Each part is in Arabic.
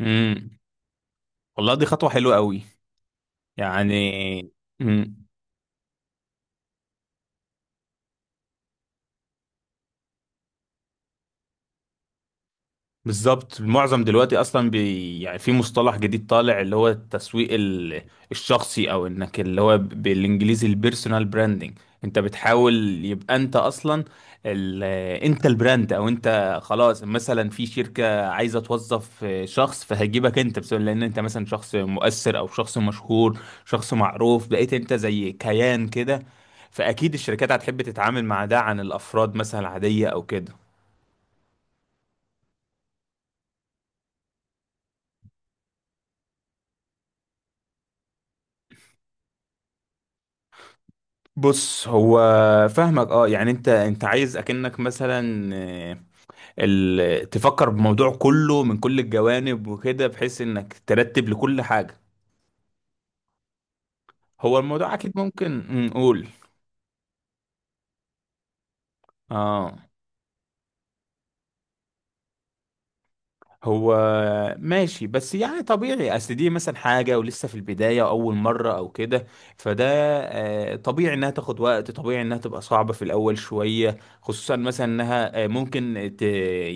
امم والله دي خطوة حلوة قوي. يعني، امم بالظبط. المعظم دلوقتي اصلا، يعني في مصطلح جديد طالع، اللي هو التسويق الشخصي، او انك اللي هو بالانجليزي، البيرسونال براندنج. انت بتحاول يبقى انت اصلا ال... انت البراند، او انت خلاص مثلا في شركة عايزة توظف شخص، فهجيبك انت بسبب لان انت مثلا شخص مؤثر او شخص مشهور، شخص معروف، بقيت انت زي كيان كده. فاكيد الشركات هتحب تتعامل مع ده عن الافراد مثلا عادية او كده. بص، هو فاهمك اه، يعني انت عايز اكنك مثلا، تفكر بموضوع كله من كل الجوانب وكده، بحيث انك ترتب لكل حاجة. هو الموضوع اكيد ممكن نقول، اه، هو ماشي، بس يعني طبيعي. اصل دي مثلا حاجه ولسه في البدايه، اول مره او كده، فده طبيعي انها تاخد وقت، طبيعي انها تبقى صعبه في الاول شويه، خصوصا مثلا انها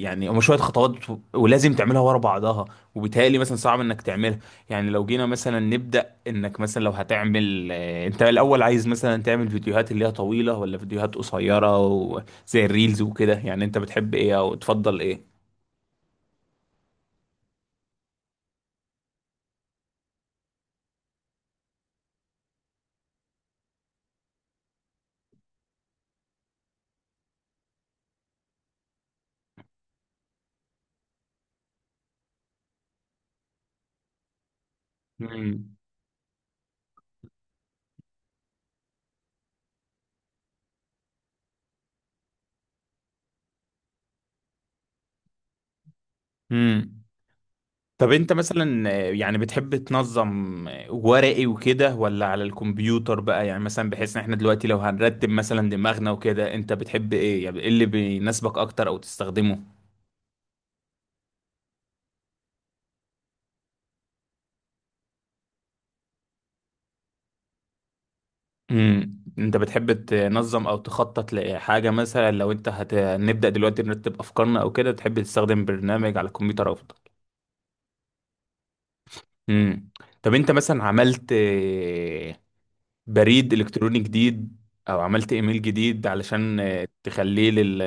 يعني هم شويه خطوات، ولازم تعملها ورا بعضها، وبالتالي مثلا صعب انك تعملها. يعني لو جينا مثلا نبدا، انك مثلا لو هتعمل انت الاول عايز مثلا تعمل فيديوهات اللي هي طويله، ولا فيديوهات قصيره زي الريلز وكده، يعني انت بتحب ايه او تفضل ايه؟ مم. امم طب انت مثلا، يعني بتحب تنظم ورقي وكده، ولا على الكمبيوتر بقى؟ يعني مثلا بحيث ان احنا دلوقتي لو هنرتب مثلا دماغنا وكده، انت بتحب ايه؟ يعني ايه اللي بيناسبك اكتر او تستخدمه؟ انت بتحب تنظم او تخطط لحاجة مثلا؟ لو انت هنبدأ دلوقتي نرتب افكارنا او كده، تحب تستخدم برنامج على الكمبيوتر افضل؟ امم طب انت مثلا عملت بريد الكتروني جديد، او عملت ايميل جديد علشان تخليه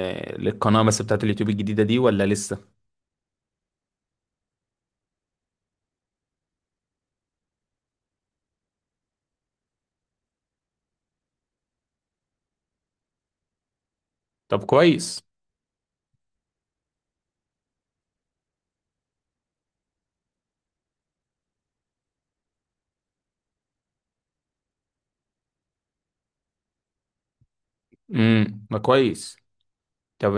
للقناه بس بتاعت اليوتيوب الجديده دي، ولا لسه؟ طب كويس. ما كويس. طب،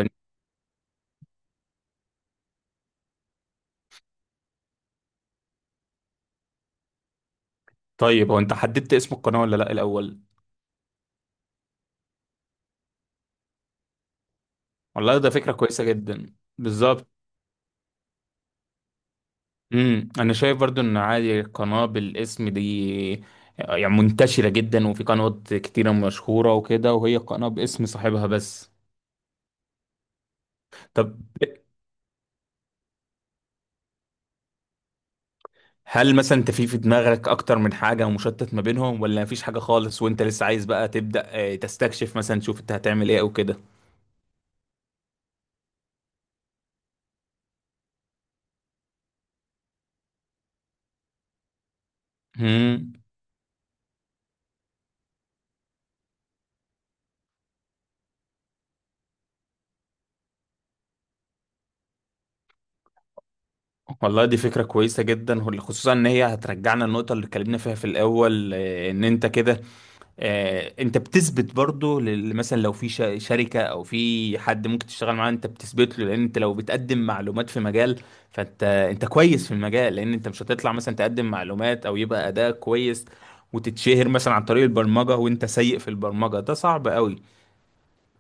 طيب هو انت حددت اسم القناه ولا لا الاول؟ والله ده فكره كويسه جدا بالظبط. انا شايف برضو ان عادي القناه بالاسم دي، يعني منتشره جدا، وفي قنوات كتيره مشهوره وكده، وهي قناه باسم صاحبها بس. طب، هل مثلا انت في في دماغك اكتر من حاجه ومشتت ما بينهم، ولا مفيش حاجه خالص وانت لسه عايز بقى تبدا تستكشف مثلا، تشوف انت هتعمل ايه او كده؟ مم. والله دي فكرة كويسة جدا، خصوصا ان هي هترجعنا النقطة اللي اتكلمنا فيها في الاول، ان انت كده، انت بتثبت برضو مثلا لو في شركة، او في حد ممكن تشتغل معاه، انت بتثبت له، لان انت لو بتقدم معلومات في مجال، فانت كويس في المجال. لان انت مش هتطلع مثلا تقدم معلومات او يبقى اداء كويس، وتتشهر مثلا عن طريق البرمجة وانت سيء في البرمجة، ده صعب قوي.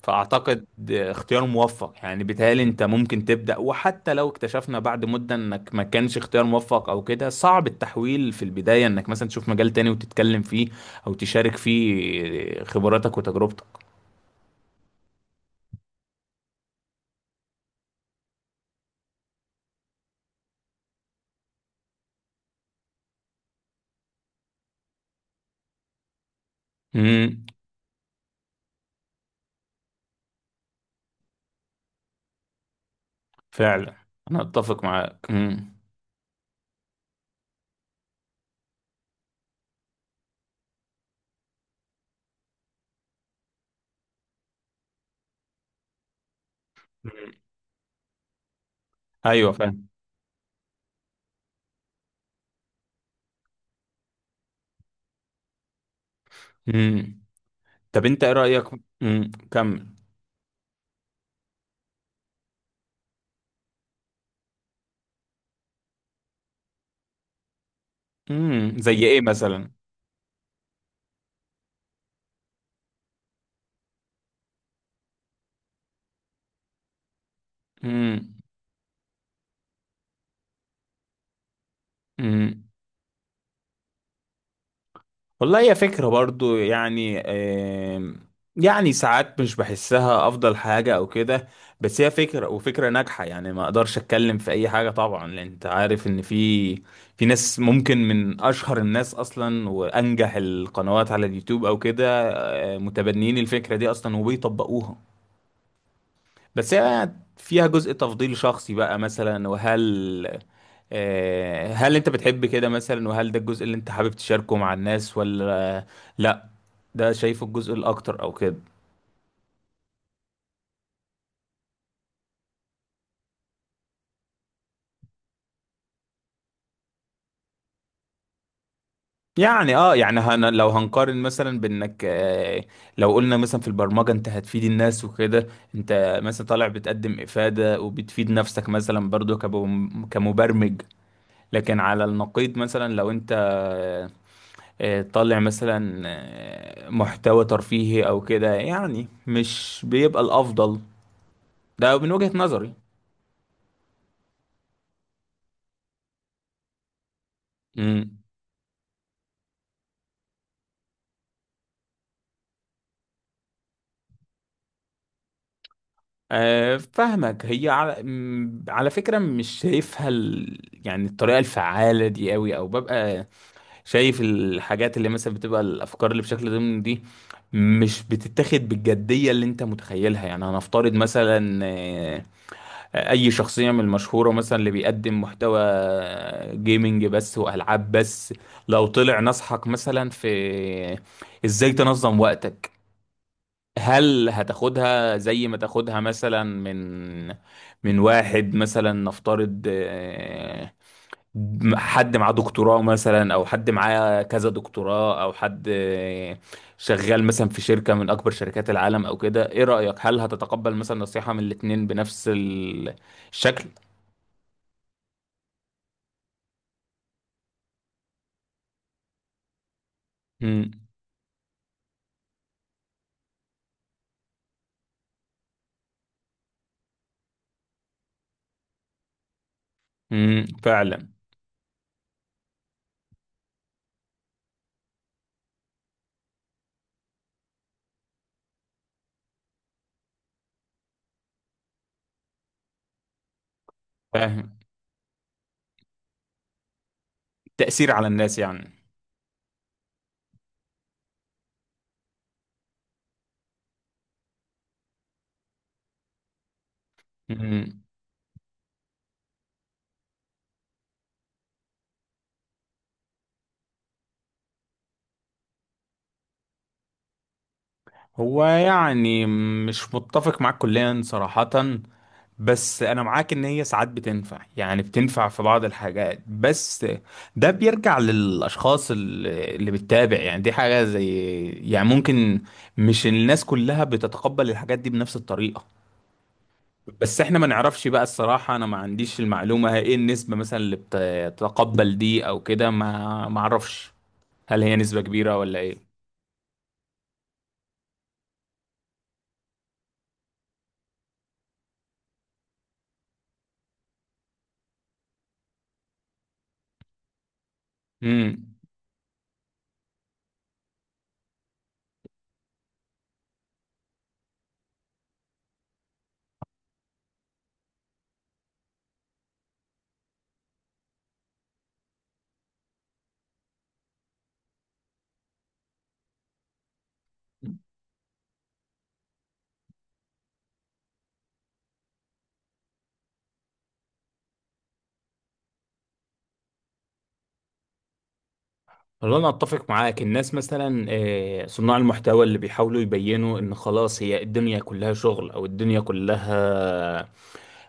فأعتقد اختيار موفق، يعني بيتهيألي أنت ممكن تبدأ. وحتى لو اكتشفنا بعد مدة إنك ما كانش اختيار موفق أو كده، صعب التحويل في البداية إنك مثلا تشوف مجال تاني وتتكلم فيه، أو تشارك فيه خبراتك وتجربتك. امم فعلا. أنا أتفق معاك، امم. أيوه، فاهم. امم طب أنت إيه رأيك؟ كمل. زي إيه مثلا؟ امم والله هي فكرة برضو، يعني يعني ساعات مش بحسها أفضل حاجة أو كده، بس هي فكرة، وفكرة ناجحة. يعني ما أقدرش أتكلم في أي حاجة طبعا، لأن أنت عارف إن في في ناس ممكن من أشهر الناس أصلا، وأنجح القنوات على اليوتيوب أو كده، متبنيين الفكرة دي أصلا وبيطبقوها. بس هي فيها جزء تفضيل شخصي بقى مثلا، وهل هل أنت بتحب كده مثلا، وهل ده الجزء اللي أنت حابب تشاركه مع الناس، ولا لا، ده شايفه الجزء الاكتر او كده؟ يعني اه، يعني لو هنقارن مثلا بانك، لو قلنا مثلا في البرمجه، انت هتفيد الناس وكده، انت مثلا طالع بتقدم افاده، وبتفيد نفسك مثلا برضو كمبرمج. لكن على النقيض مثلا، لو انت طالع مثلا محتوى ترفيهي او كده، يعني مش بيبقى الافضل. ده من وجهه نظري. امم فاهمك. هي على على فكرة مش شايفها يعني الطريقة الفعالة دي قوي. او ببقى شايف الحاجات اللي مثلا بتبقى الافكار اللي بشكل ضمني دي، مش بتتاخد بالجدية اللي انت متخيلها. يعني هنفترض مثلا اي شخصية من المشهورة مثلا اللي بيقدم محتوى جيمنج بس، والعاب بس، لو طلع نصحك مثلا في ازاي تنظم وقتك، هل هتاخدها زي ما تاخدها مثلا من واحد مثلا، نفترض حد معاه دكتوراه مثلا، او حد معاه كذا دكتوراه، او حد شغال مثلا في شركة من اكبر شركات العالم او كده؟ ايه رأيك؟ هل هتتقبل مثلا نصيحة من الاتنين بنفس الشكل؟ مم. مم. فعلا. فاهم. تأثير على الناس يعني. مم. هو يعني مش متفق معاك كليا صراحة، بس انا معاك ان هي ساعات بتنفع، يعني بتنفع في بعض الحاجات بس. ده بيرجع للاشخاص اللي بتتابع، يعني دي حاجة زي يعني ممكن، مش الناس كلها بتتقبل الحاجات دي بنفس الطريقة. بس احنا ما نعرفش بقى الصراحة، انا ما عنديش المعلومة ايه النسبة مثلا اللي بتتقبل دي او كده. ما ما اعرفش هل هي نسبة كبيرة ولا ايه. امم والله انا اتفق معاك. الناس مثلا، صناع المحتوى اللي بيحاولوا يبينوا ان خلاص هي الدنيا كلها شغل، او الدنيا كلها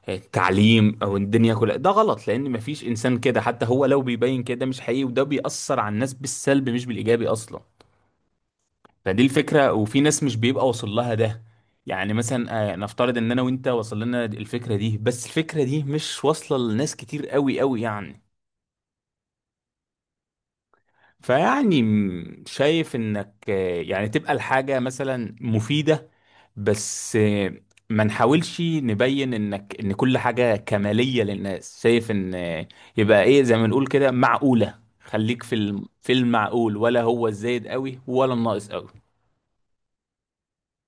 تعليم، او الدنيا كلها، ده غلط لان مفيش انسان كده، حتى هو لو بيبين كده مش حقيقي، وده بيأثر على الناس بالسلب مش بالايجابي اصلا. فدي الفكرة، وفي ناس مش بيبقى واصل لها ده، يعني مثلا نفترض ان انا وانت وصل لنا الفكرة دي، بس الفكرة دي مش واصلة لناس كتير قوي قوي يعني. فيعني شايف انك، يعني تبقى الحاجة مثلا مفيدة، بس ما نحاولش نبين انك ان كل حاجة كمالية للناس، شايف ان يبقى ايه زي ما نقول كده معقولة، خليك في في المعقول، ولا هو الزايد قوي ولا الناقص قوي؟